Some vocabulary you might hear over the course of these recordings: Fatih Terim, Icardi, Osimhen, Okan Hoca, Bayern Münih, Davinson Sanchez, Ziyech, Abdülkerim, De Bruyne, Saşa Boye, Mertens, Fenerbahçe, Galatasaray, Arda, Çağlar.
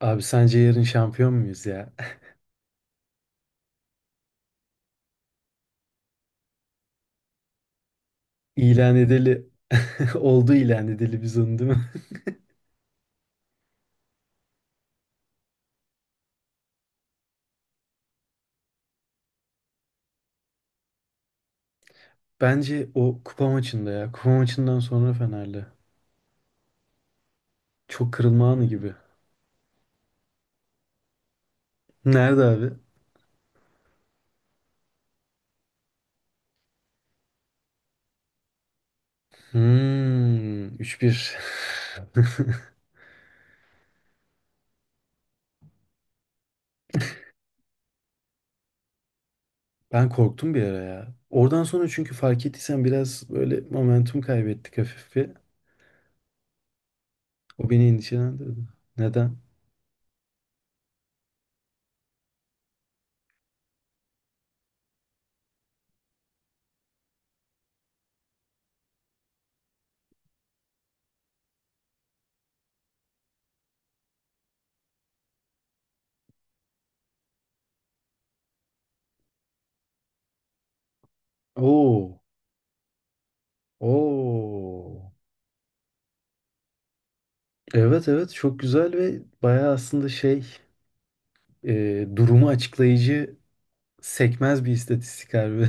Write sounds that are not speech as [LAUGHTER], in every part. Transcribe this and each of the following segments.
Abi sence yarın şampiyon muyuz ya? [LAUGHS] İlan edeli [LAUGHS] oldu ilan edeli biz onu, değil mi? [LAUGHS] Bence o kupa maçında ya. Kupa maçından sonra Fener'le. Çok kırılma anı gibi. Nerede abi? Hmm, 3-1. [LAUGHS] Ben korktum bir ara ya. Oradan sonra çünkü fark ettiysen biraz böyle momentum kaybettik hafif bir. O beni endişelendirdi. Neden? Oo. Oo. Evet, evet, çok güzel ve bayağı aslında şey, durumu açıklayıcı. Sekmez bir istatistik harbi.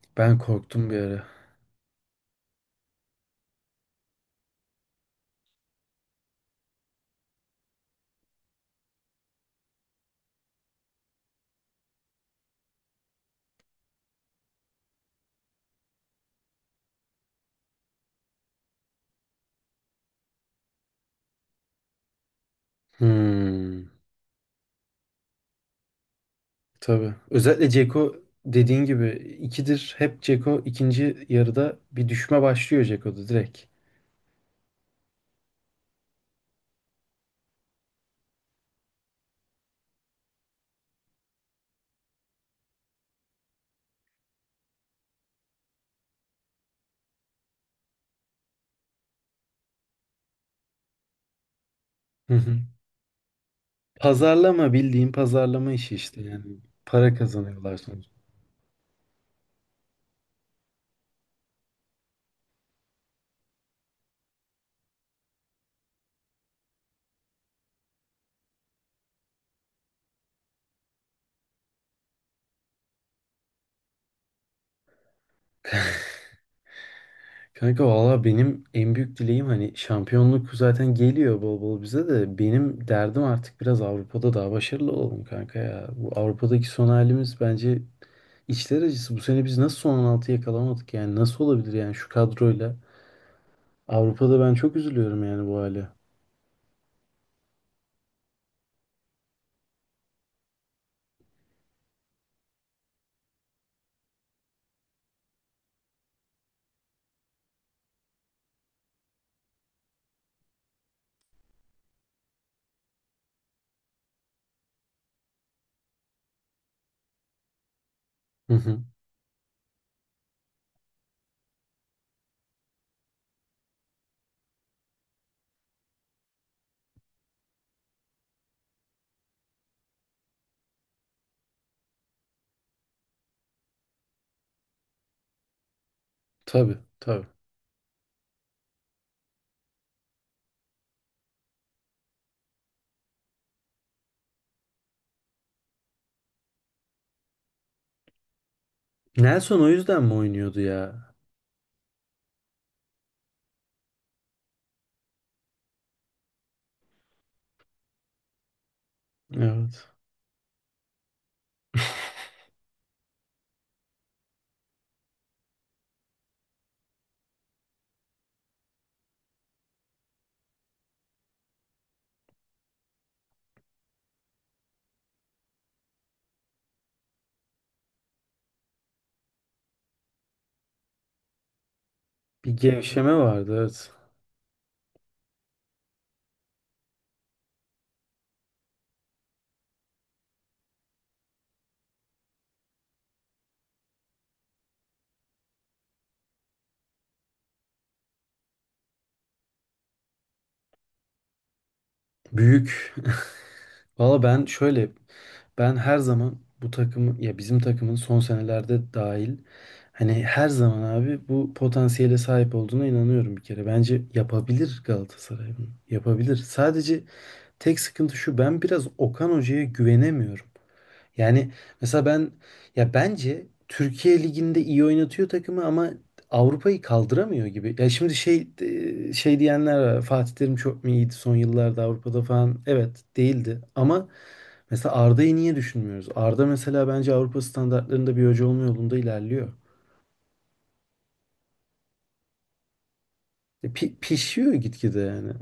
[LAUGHS] Ben korktum bir ara. Hmm, tabii. Özellikle Ceko dediğin gibi ikidir. Hep Ceko ikinci yarıda bir düşme başlıyor Ceko'da direkt. Hı hı. Pazarlama, bildiğin pazarlama işi işte yani. Para kazanıyorlar sonuçta. Kanka valla benim en büyük dileğim hani şampiyonluk zaten geliyor bol bol bize de, benim derdim artık biraz Avrupa'da daha başarılı olalım kanka ya. Bu Avrupa'daki son halimiz bence içler acısı. Bu sene biz nasıl son 16 yakalamadık yani, nasıl olabilir yani şu kadroyla. Avrupa'da ben çok üzülüyorum yani bu hale. Hı hı. Tabii tabii. Nelson o yüzden mi oynuyordu ya? Evet. Bir gevşeme vardı, evet. Büyük Valla ben şöyle, ben her zaman bu takımı, ya bizim takımın son senelerde dahil, hani her zaman abi bu potansiyele sahip olduğuna inanıyorum bir kere. Bence yapabilir Galatasaray bunu. Yapabilir. Sadece tek sıkıntı şu, ben biraz Okan Hoca'ya güvenemiyorum. Yani mesela ben, ya bence Türkiye Ligi'nde iyi oynatıyor takımı ama Avrupa'yı kaldıramıyor gibi. Ya şimdi şey, şey diyenler var. Fatih Terim çok mu iyiydi son yıllarda Avrupa'da falan? Evet, değildi ama mesela Arda'yı niye düşünmüyoruz? Arda mesela bence Avrupa standartlarında bir hoca olma yolunda ilerliyor. Pişiyor gitgide yani.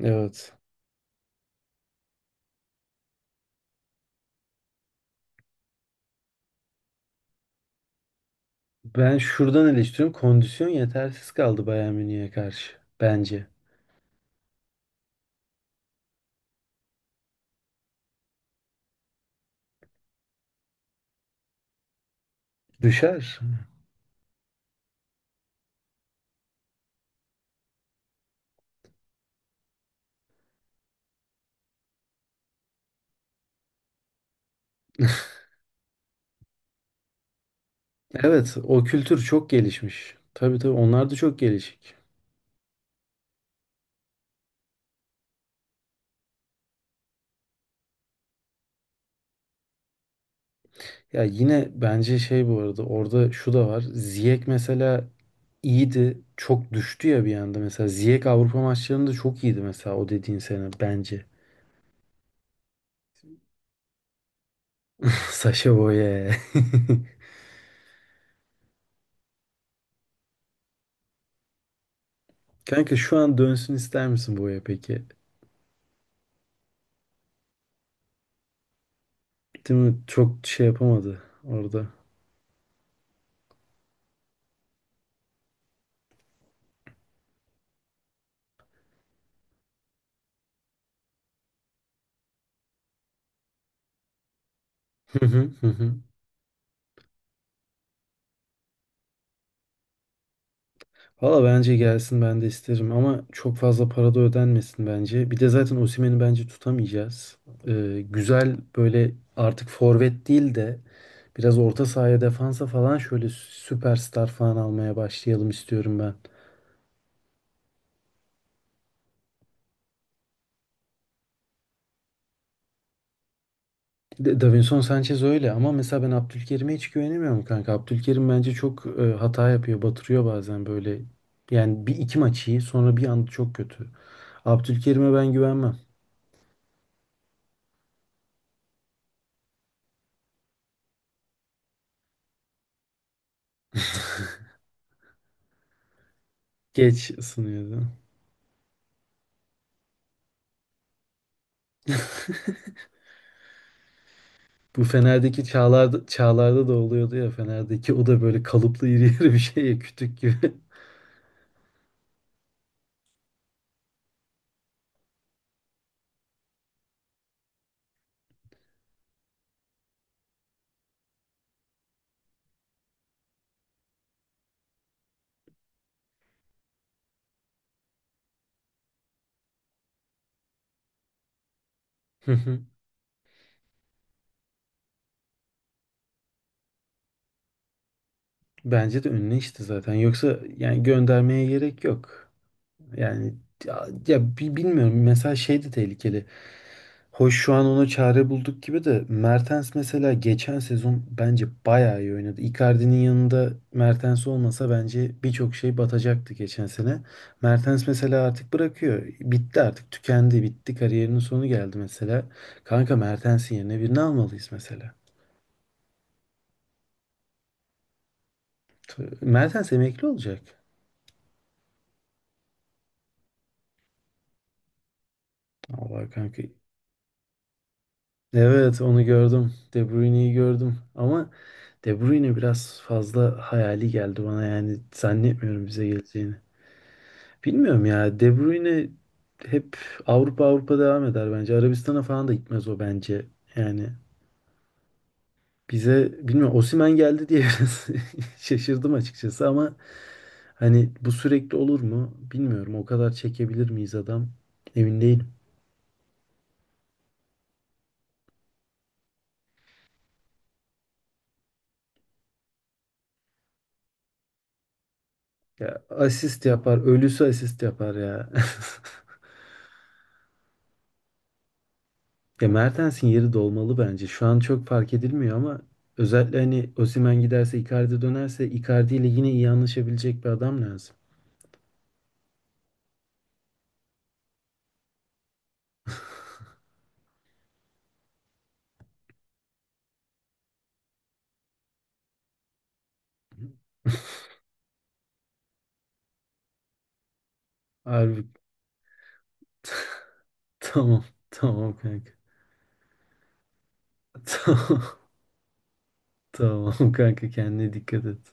Evet. Ben şuradan eleştiriyorum. Kondisyon yetersiz kaldı Bayern Münih'e karşı. Bence. Düşer. Evet, o kültür çok gelişmiş. Tabii tabii onlar da çok gelişik. Ya yine bence şey, bu arada orada şu da var. Ziyech mesela iyiydi. Çok düştü ya bir anda mesela. Ziyech Avrupa maçlarında çok iyiydi mesela o dediğin sene bence. Saşa Boye. [LAUGHS] Kanka şu an dönsün ister misin Boye peki? Değil mi? Çok şey yapamadı orada. Hı hı hı. Hı. Valla bence gelsin, ben de isterim ama çok fazla para da ödenmesin bence. Bir de zaten Osimhen'i bence tutamayacağız. Güzel böyle artık forvet değil de biraz orta sahaya, defansa falan şöyle süperstar falan almaya başlayalım istiyorum ben. Davinson Sanchez öyle ama mesela ben Abdülkerim'e hiç güvenemiyorum kanka. Abdülkerim bence çok hata yapıyor, batırıyor bazen böyle. Yani bir iki maç iyi, sonra bir anda çok kötü. Abdülkerim'e ben güvenmem. Geç ısınıyordu. [LAUGHS] Bu Fener'deki Çağlar'da, Çağlar'da da oluyordu ya Fener'deki, o da böyle kalıplı iri yarı bir şey ya, kütük gibi. Hı hı. Bence de önüne işte zaten. Yoksa yani göndermeye gerek yok. Yani ya, ya bilmiyorum. Mesela şey de tehlikeli. Hoş şu an ona çare bulduk gibi de, Mertens mesela geçen sezon bence bayağı iyi oynadı. Icardi'nin yanında Mertens olmasa bence birçok şey batacaktı geçen sene. Mertens mesela artık bırakıyor. Bitti artık, tükendi, bitti. Kariyerinin sonu geldi mesela. Kanka, Mertens'in yerine birini almalıyız mesela. Mertens emekli olacak. Allah kanka. Evet, onu gördüm. De Bruyne'yi gördüm. Ama De Bruyne biraz fazla hayali geldi bana, yani zannetmiyorum bize geleceğini. Bilmiyorum ya. De Bruyne hep Avrupa, Avrupa devam eder bence. Arabistan'a falan da gitmez o bence. Yani bize bilmiyorum, Osimhen geldi diye [LAUGHS] biraz şaşırdım açıkçası ama hani bu sürekli olur mu bilmiyorum. O kadar çekebilir miyiz adam? Emin değilim. Ya asist yapar, ölüsü asist yapar ya. [LAUGHS] Ya Mertens'in yeri dolmalı bence. Şu an çok fark edilmiyor ama özellikle hani Osimhen giderse, Icardi dönerse, Icardi ile yine iyi anlaşabilecek bir adam lazım. Harbi. [LAUGHS] Tamam. Tamam kanka. [LAUGHS] Tamam. Tamam kanka, kendine dikkat et.